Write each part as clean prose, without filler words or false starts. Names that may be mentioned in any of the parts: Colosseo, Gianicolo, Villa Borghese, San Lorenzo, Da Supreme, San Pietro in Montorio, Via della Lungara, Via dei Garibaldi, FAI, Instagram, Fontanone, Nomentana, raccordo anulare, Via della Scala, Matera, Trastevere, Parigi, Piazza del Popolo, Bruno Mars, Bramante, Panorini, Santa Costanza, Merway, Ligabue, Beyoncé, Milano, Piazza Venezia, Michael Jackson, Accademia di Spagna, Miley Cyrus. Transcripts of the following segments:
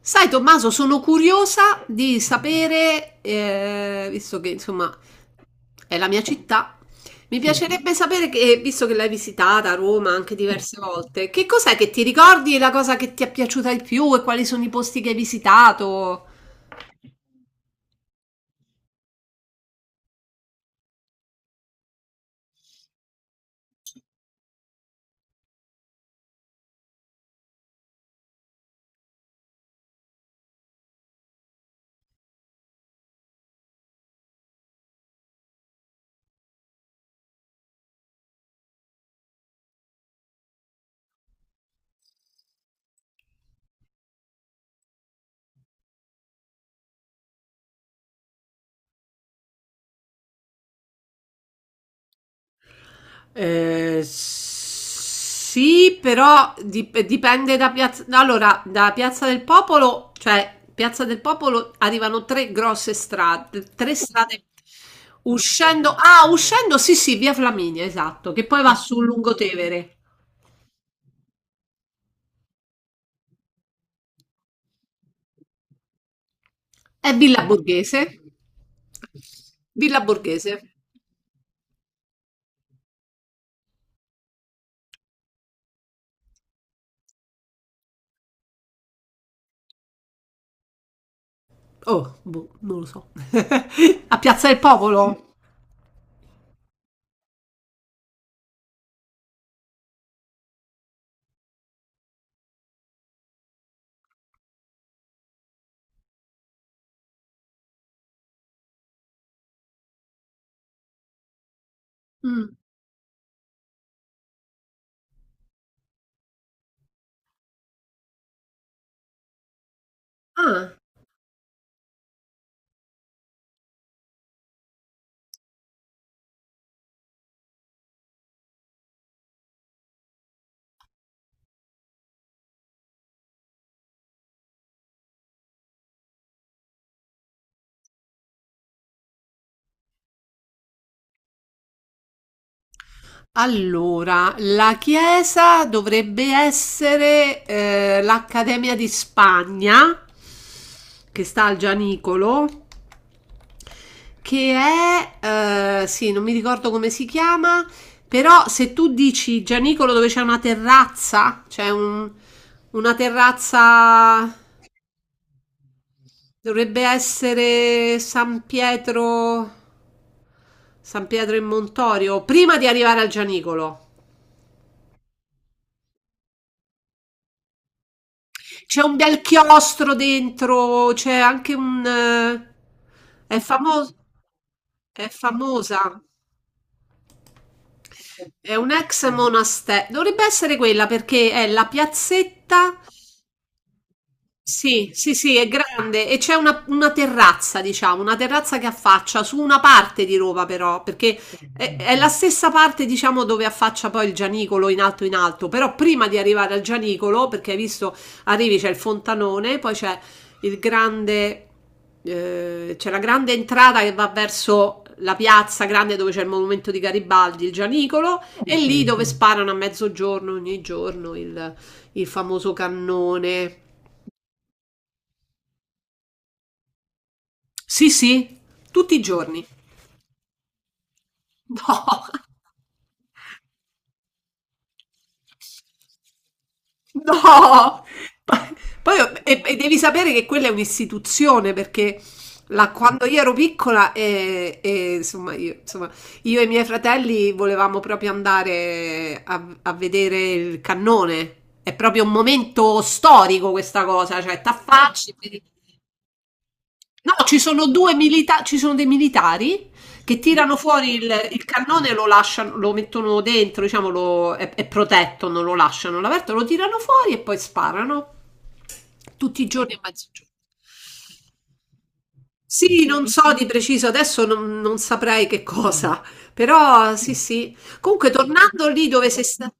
Sai, Tommaso, sono curiosa di sapere, visto che insomma è la mia città, mi piacerebbe sapere che, visto che l'hai visitata a Roma anche diverse volte, che cos'è che ti ricordi e la cosa che ti è piaciuta di più e quali sono i posti che hai visitato? Sì, però dipende da piazza. Allora, da Piazza del Popolo, cioè Piazza del Popolo arrivano tre grosse strade, tre strade uscendo. Ah, uscendo, sì, sì, via Flaminia, esatto, che poi va sul Lungotevere. È Villa Borghese. Villa Borghese. Oh, boh, non lo so. A Piazza del Popolo? Mm. Ah. Allora, la chiesa dovrebbe essere l'Accademia di Spagna, che sta al Gianicolo, che è, sì, non mi ricordo come si chiama, però se tu dici Gianicolo dove c'è una terrazza, una terrazza, dovrebbe essere San Pietro, San Pietro in Montorio, prima di arrivare al Gianicolo. C'è un bel chiostro dentro, c'è anche un, È famos- è famosa, è un ex monastero. Dovrebbe essere quella perché è la piazzetta. Sì, sì, sì, è grande e c'è una terrazza, diciamo, una terrazza che affaccia su una parte di Roma però, perché è la stessa parte, diciamo, dove affaccia poi il Gianicolo in alto, però prima di arrivare al Gianicolo, perché hai visto, arrivi c'è il fontanone, poi c'è il grande, c'è la grande entrata che va verso la piazza grande dove c'è il monumento di Garibaldi, il Gianicolo, e lì dove sparano a mezzogiorno ogni giorno il famoso cannone. Sì, sì, tutti i giorni. No, no. Pa- Poi, e devi sapere che quella è un'istituzione perché quando io ero piccola insomma, insomma, io e i miei fratelli volevamo proprio andare a vedere il cannone. È proprio un momento storico questa cosa, cioè t'affacci. No, ci sono due militari, ci sono dei militari che tirano fuori il cannone, lo lasciano, lo mettono dentro, diciamo, è protetto, non lo lasciano all'aperto, lo tirano fuori e poi sparano tutti i giorni a mezzogiorno. Sì, non so di preciso, adesso non saprei che cosa, però sì, sì. Comunque, tornando lì dove sei stato.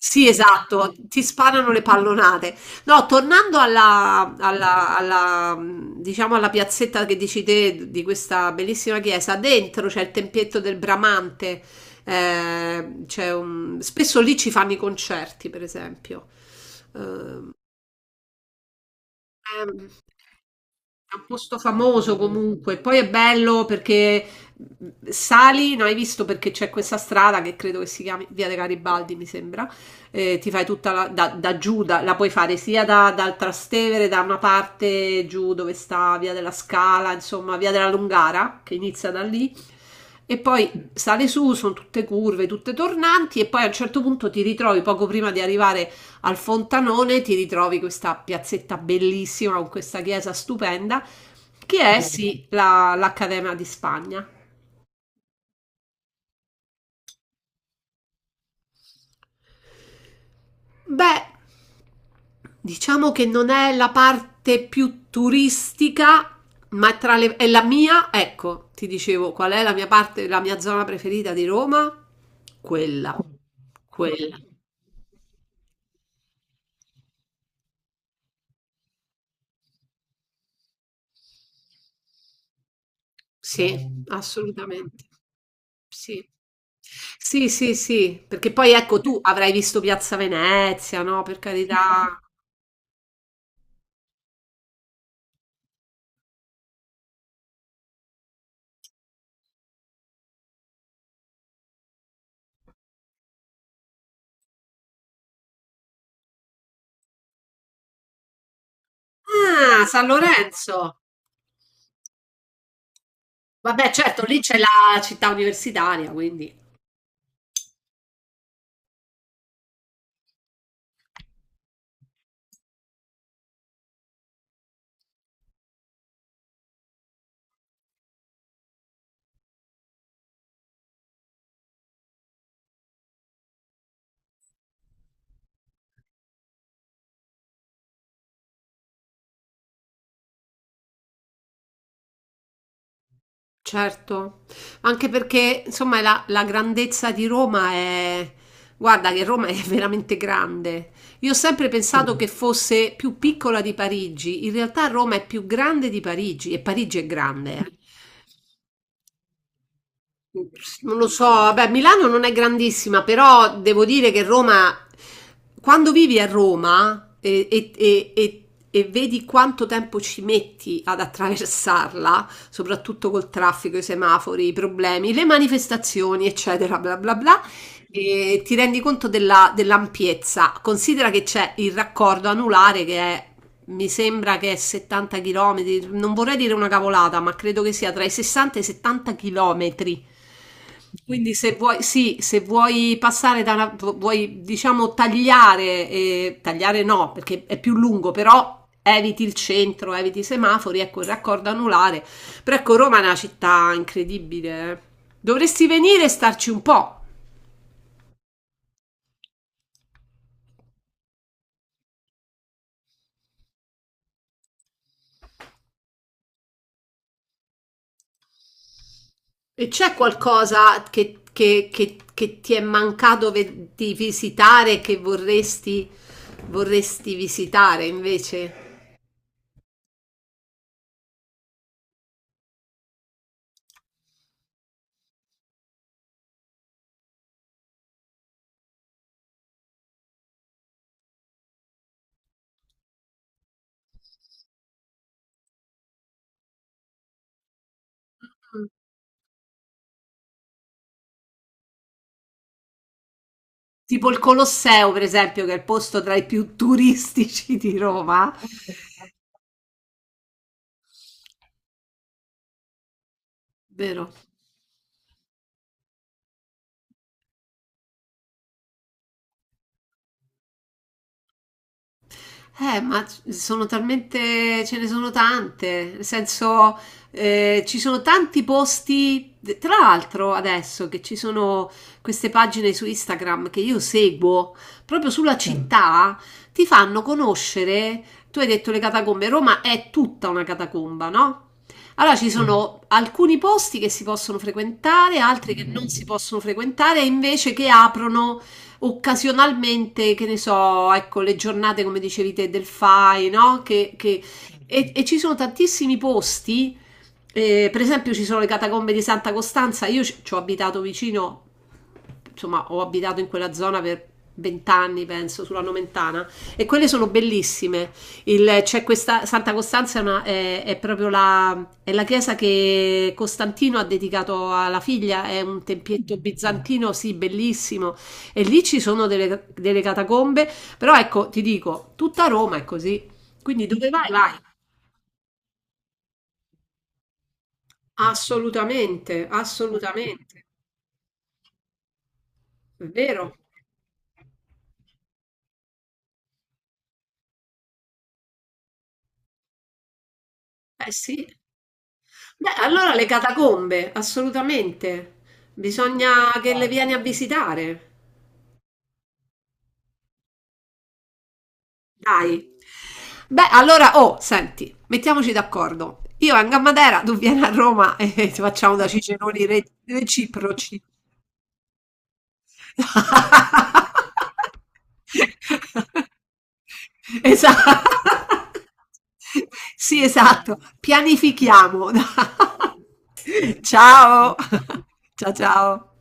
Sì, esatto, ti sparano le pallonate. No, tornando diciamo, alla piazzetta che dici te di questa bellissima chiesa, dentro c'è il tempietto del Bramante, spesso lì ci fanno i concerti, per esempio. Ehm, È un posto famoso comunque, poi è bello perché sali, non hai visto perché c'è questa strada che credo che si chiami Via dei Garibaldi, mi sembra, ti fai tutta la, da giù, la puoi fare sia dal Trastevere, da una parte giù dove sta Via della Scala, insomma Via della Lungara, che inizia da lì, e poi sale su, sono tutte curve, tutte tornanti, e poi a un certo punto ti ritrovi poco prima di arrivare al Fontanone ti ritrovi questa piazzetta bellissima con questa chiesa stupenda che è sì l'Accademia di Spagna. Beh, diciamo che non è la parte più turistica, ma tra le, è la mia, ecco, ti dicevo qual è la mia parte, la mia zona preferita di Roma? Quella, quella. Sì, assolutamente. Sì. Sì, sì, sì, perché poi ecco tu avrai visto Piazza Venezia, no? Per carità. Ah, San Lorenzo. Vabbè, certo, lì c'è la città universitaria, quindi. Certo, anche perché insomma la grandezza di Roma è. Guarda che Roma è veramente grande. Io ho sempre pensato che fosse più piccola di Parigi, in realtà Roma è più grande di Parigi e Parigi è grande. Eh. Non lo so, vabbè, Milano non è grandissima, però devo dire che Roma, quando vivi a Roma e vedi quanto tempo ci metti ad attraversarla, soprattutto col traffico, i semafori, i problemi, le manifestazioni, eccetera, bla bla bla, e ti rendi conto dell'ampiezza. Considera che c'è il raccordo anulare che è, mi sembra che è 70 km, non vorrei dire una cavolata, ma credo che sia tra i 60 e i 70 km. Quindi se vuoi, sì, se vuoi passare da una, vuoi diciamo tagliare, no, perché è più lungo, però eviti il centro, eviti i semafori, ecco il raccordo anulare. Però ecco, Roma è una città incredibile. Eh. Dovresti venire e starci un po'. E c'è qualcosa che, che ti è mancato di visitare che vorresti, vorresti visitare invece? Mm. Tipo il Colosseo, per esempio, che è il posto tra i più turistici di Roma. Vero. Ma sono talmente, ce ne sono tante, nel senso, ci sono tanti posti, tra l'altro adesso che ci sono queste pagine su Instagram che io seguo, proprio sulla città, ti fanno conoscere, tu hai detto le catacombe, Roma è tutta una catacomba, no? Allora ci sono alcuni posti che si possono frequentare, altri che non si possono frequentare, invece che aprono occasionalmente, che ne so, ecco, le giornate, come dicevi te, del FAI, no? E ci sono tantissimi posti, per esempio ci sono le catacombe di Santa Costanza, io ci ho abitato vicino insomma, ho abitato in quella zona per 20 anni, penso, sulla Nomentana, e quelle sono bellissime. C'è questa Santa Costanza è, è proprio è la chiesa che Costantino ha dedicato alla figlia, è un tempietto bizantino, sì, bellissimo. E lì ci sono delle catacombe, però ecco, ti dico, tutta Roma è così. Quindi dove vai? Vai. Assolutamente, assolutamente. Vero? Eh sì. Beh, allora le catacombe, assolutamente. Bisogna che le vieni a visitare. Dai. Beh, allora, oh, senti, mettiamoci d'accordo. Io vengo a Matera, tu vieni a Roma e ci facciamo da ciceroni reciproci. Esatto. Sì, esatto. Pianifichiamo. Ciao. Ciao, ciao.